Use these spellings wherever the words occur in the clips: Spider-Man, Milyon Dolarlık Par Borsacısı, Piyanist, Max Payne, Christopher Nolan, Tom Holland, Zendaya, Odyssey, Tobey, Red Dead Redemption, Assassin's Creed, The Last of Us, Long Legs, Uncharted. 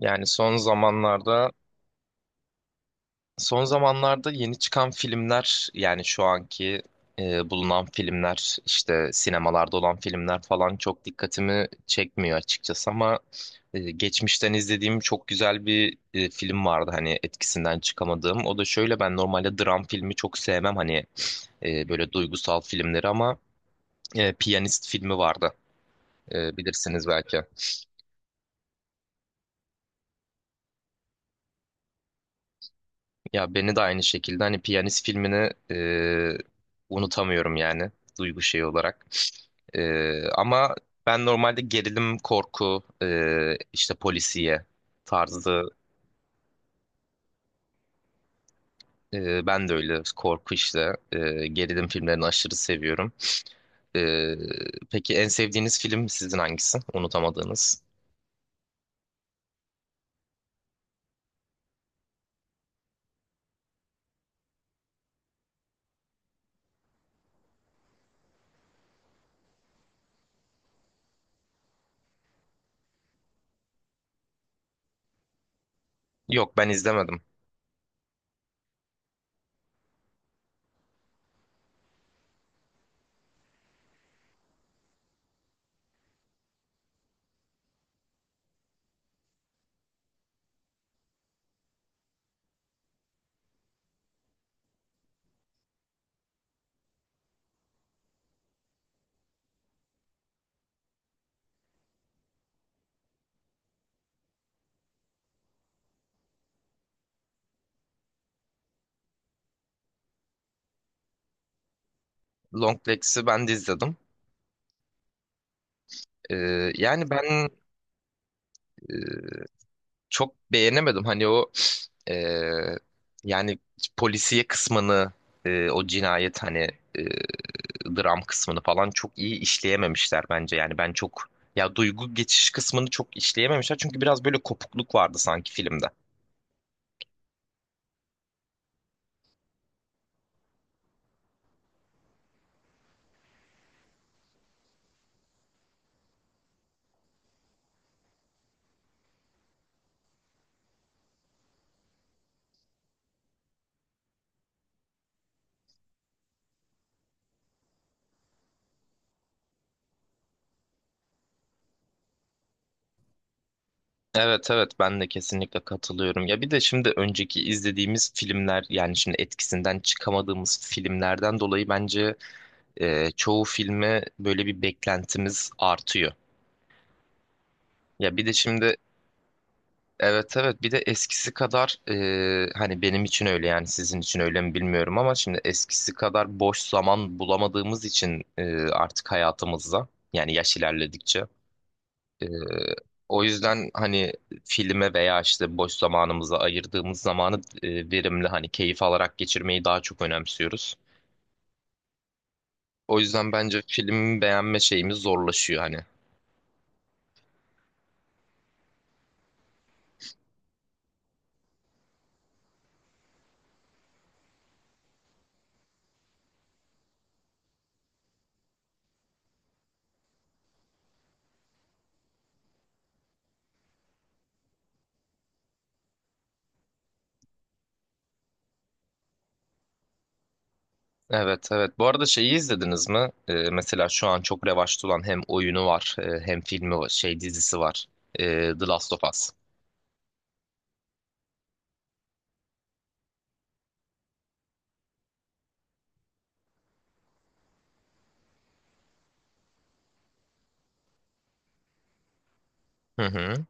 Yani son zamanlarda son zamanlarda yeni çıkan filmler, yani şu anki bulunan filmler, işte sinemalarda olan filmler falan çok dikkatimi çekmiyor açıkçası. Ama geçmişten izlediğim çok güzel bir film vardı, hani etkisinden çıkamadığım. O da şöyle: ben normalde dram filmi çok sevmem, hani böyle duygusal filmleri. Ama Piyanist filmi vardı. Bilirsiniz belki. Ya beni de aynı şekilde, hani Piyanist filmini unutamıyorum yani, duygu şeyi olarak. Ama ben normalde gerilim, korku, işte polisiye tarzı. Ben de öyle, korku işte, gerilim filmlerini aşırı seviyorum. E, peki en sevdiğiniz film sizin hangisi? Unutamadığınız? Yok, ben izlemedim. Long Legs'i ben de izledim. E, yani ben çok beğenemedim. Hani o eee, yani polisiye kısmını, o cinayet hani, eee, dram kısmını falan çok iyi işleyememişler bence. Yani ben çok, ya duygu geçiş kısmını çok işleyememişler, çünkü biraz böyle kopukluk vardı sanki filmde. Evet, evet, ben de kesinlikle katılıyorum. Ya bir de şimdi önceki izlediğimiz filmler, yani şimdi etkisinden çıkamadığımız filmlerden dolayı bence çoğu filme böyle bir beklentimiz artıyor. Ya bir de şimdi, evet, evet, bir de eskisi kadar, hani benim için öyle, yani sizin için öyle mi bilmiyorum, ama şimdi eskisi kadar boş zaman bulamadığımız için artık hayatımızda, yani yaş ilerledikçe, e, o yüzden hani filme veya işte boş zamanımıza ayırdığımız zamanı verimli, hani keyif alarak geçirmeyi daha çok önemsiyoruz. O yüzden bence film beğenme şeyimiz zorlaşıyor hani. Evet, evet. Bu arada şeyi izlediniz mi? Mesela şu an çok revaçta olan, hem oyunu var hem filmi var, şey, dizisi var. The Last of Us. Hı hı.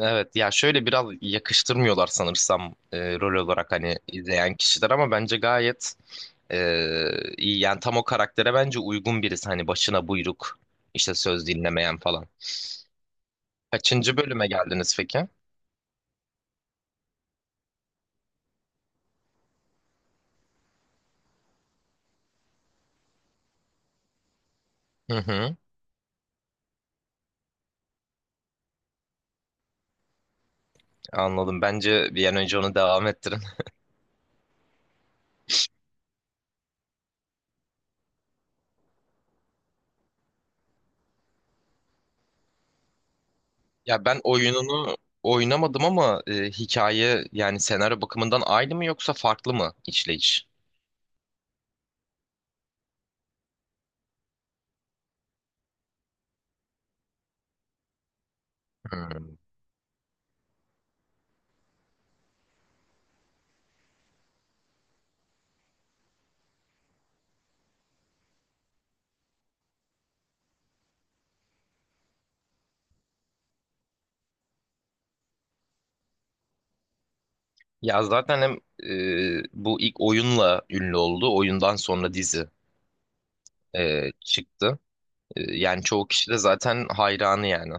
Evet, ya şöyle biraz yakıştırmıyorlar sanırsam rol olarak, hani izleyen kişiler, ama bence gayet iyi. Yani tam o karaktere bence uygun birisi, hani başına buyruk, işte söz dinlemeyen falan. Kaçıncı bölüme geldiniz peki? Hı hı. Anladım. Bence bir an önce onu devam ettirin. Ya ben oyununu oynamadım ama hikaye, yani senaryo bakımından aynı mı yoksa farklı mı işleyiş? Hmm. Ya zaten hem bu ilk oyunla ünlü oldu. Oyundan sonra dizi çıktı. Yani çoğu kişi de zaten hayranı yani.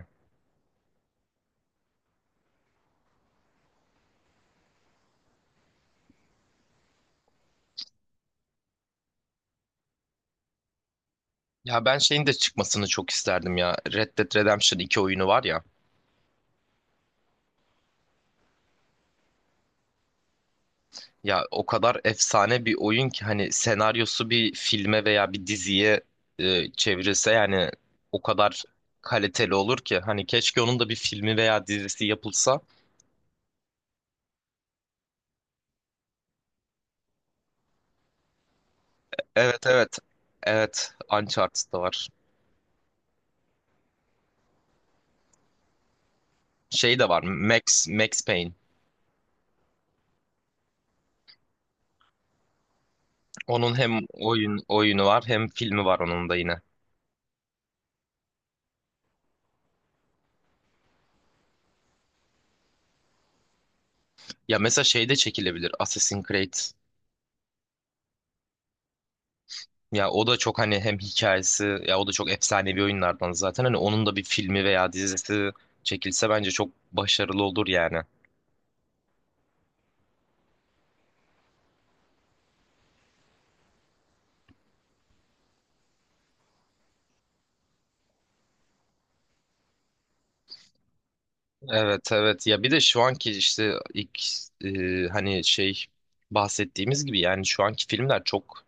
Ya ben şeyin de çıkmasını çok isterdim ya. Red Dead Redemption iki oyunu var ya. Ya o kadar efsane bir oyun ki, hani senaryosu bir filme veya bir diziye çevrilse, yani o kadar kaliteli olur ki, hani keşke onun da bir filmi veya dizisi yapılsa. Evet, evet. Evet, Uncharted da var. Şey de var, Max Payne. Onun hem oyun, oyunu var hem filmi var, onun da yine. Ya mesela şey de çekilebilir, Assassin's Creed. Ya o da çok, hani hem hikayesi, ya o da çok efsanevi oyunlardan zaten. Hani onun da bir filmi veya dizisi çekilse bence çok başarılı olur yani. Evet, evet, ya bir de şu anki işte ilk, hani şey bahsettiğimiz gibi, yani şu anki filmler çok,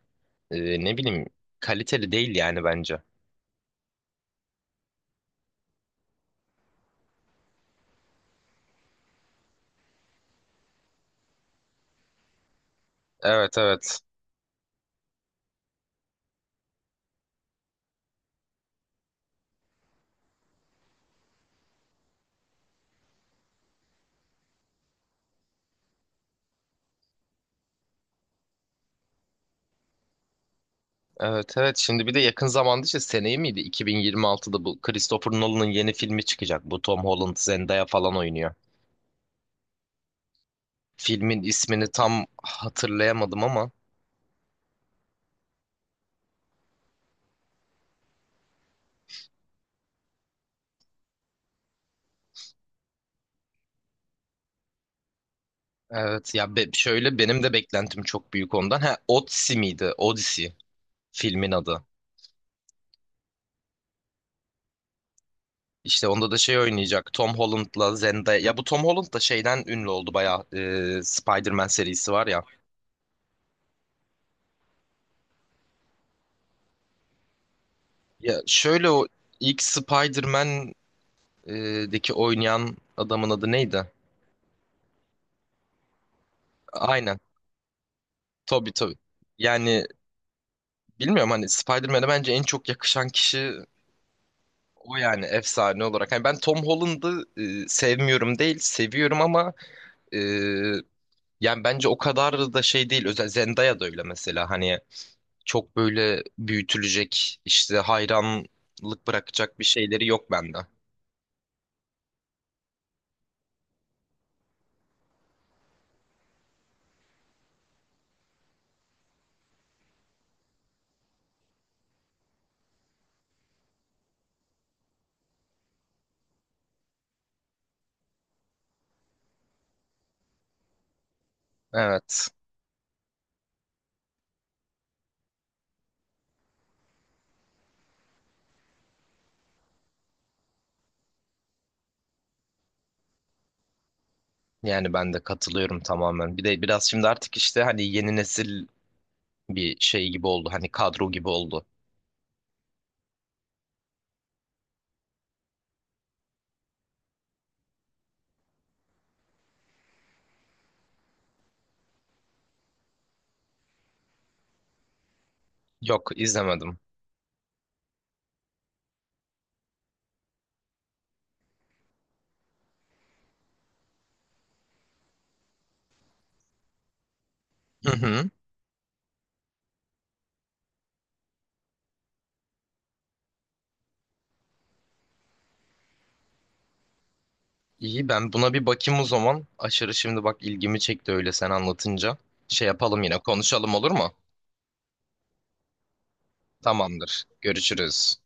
ne bileyim, kaliteli değil yani bence. Evet, evet. Evet, evet, şimdi bir de yakın zamanda, işte seneye miydi, 2026'da bu Christopher Nolan'ın yeni filmi çıkacak. Bu Tom Holland, Zendaya falan oynuyor. Filmin ismini tam hatırlayamadım ama evet, ya şöyle benim de beklentim çok büyük ondan. Ha, Odyssey miydi? Odyssey filmin adı. İşte onda da şey oynayacak, Tom Holland'la Zendaya. Ya bu Tom Holland da şeyden ünlü oldu bayağı. Spider-Man serisi var ya. Ya şöyle o ilk Spider-Man'deki oynayan adamın adı neydi? Aynen. Tobey. Yani bilmiyorum, hani Spider-Man'e bence en çok yakışan kişi o yani, efsane olarak. Hani ben Tom Holland'ı sevmiyorum değil, seviyorum ama yani bence o kadar da şey değil. Özel Zendaya da öyle mesela. Hani çok böyle büyütülecek, işte hayranlık bırakacak bir şeyleri yok bende. Evet. Yani ben de katılıyorum tamamen. Bir de biraz şimdi artık işte hani yeni nesil bir şey gibi oldu. Hani kadro gibi oldu. Yok izlemedim. Hı hı. İyi, ben buna bir bakayım o zaman. Aşırı, şimdi bak ilgimi çekti öyle sen anlatınca. Şey yapalım, yine konuşalım, olur mu? Tamamdır. Görüşürüz.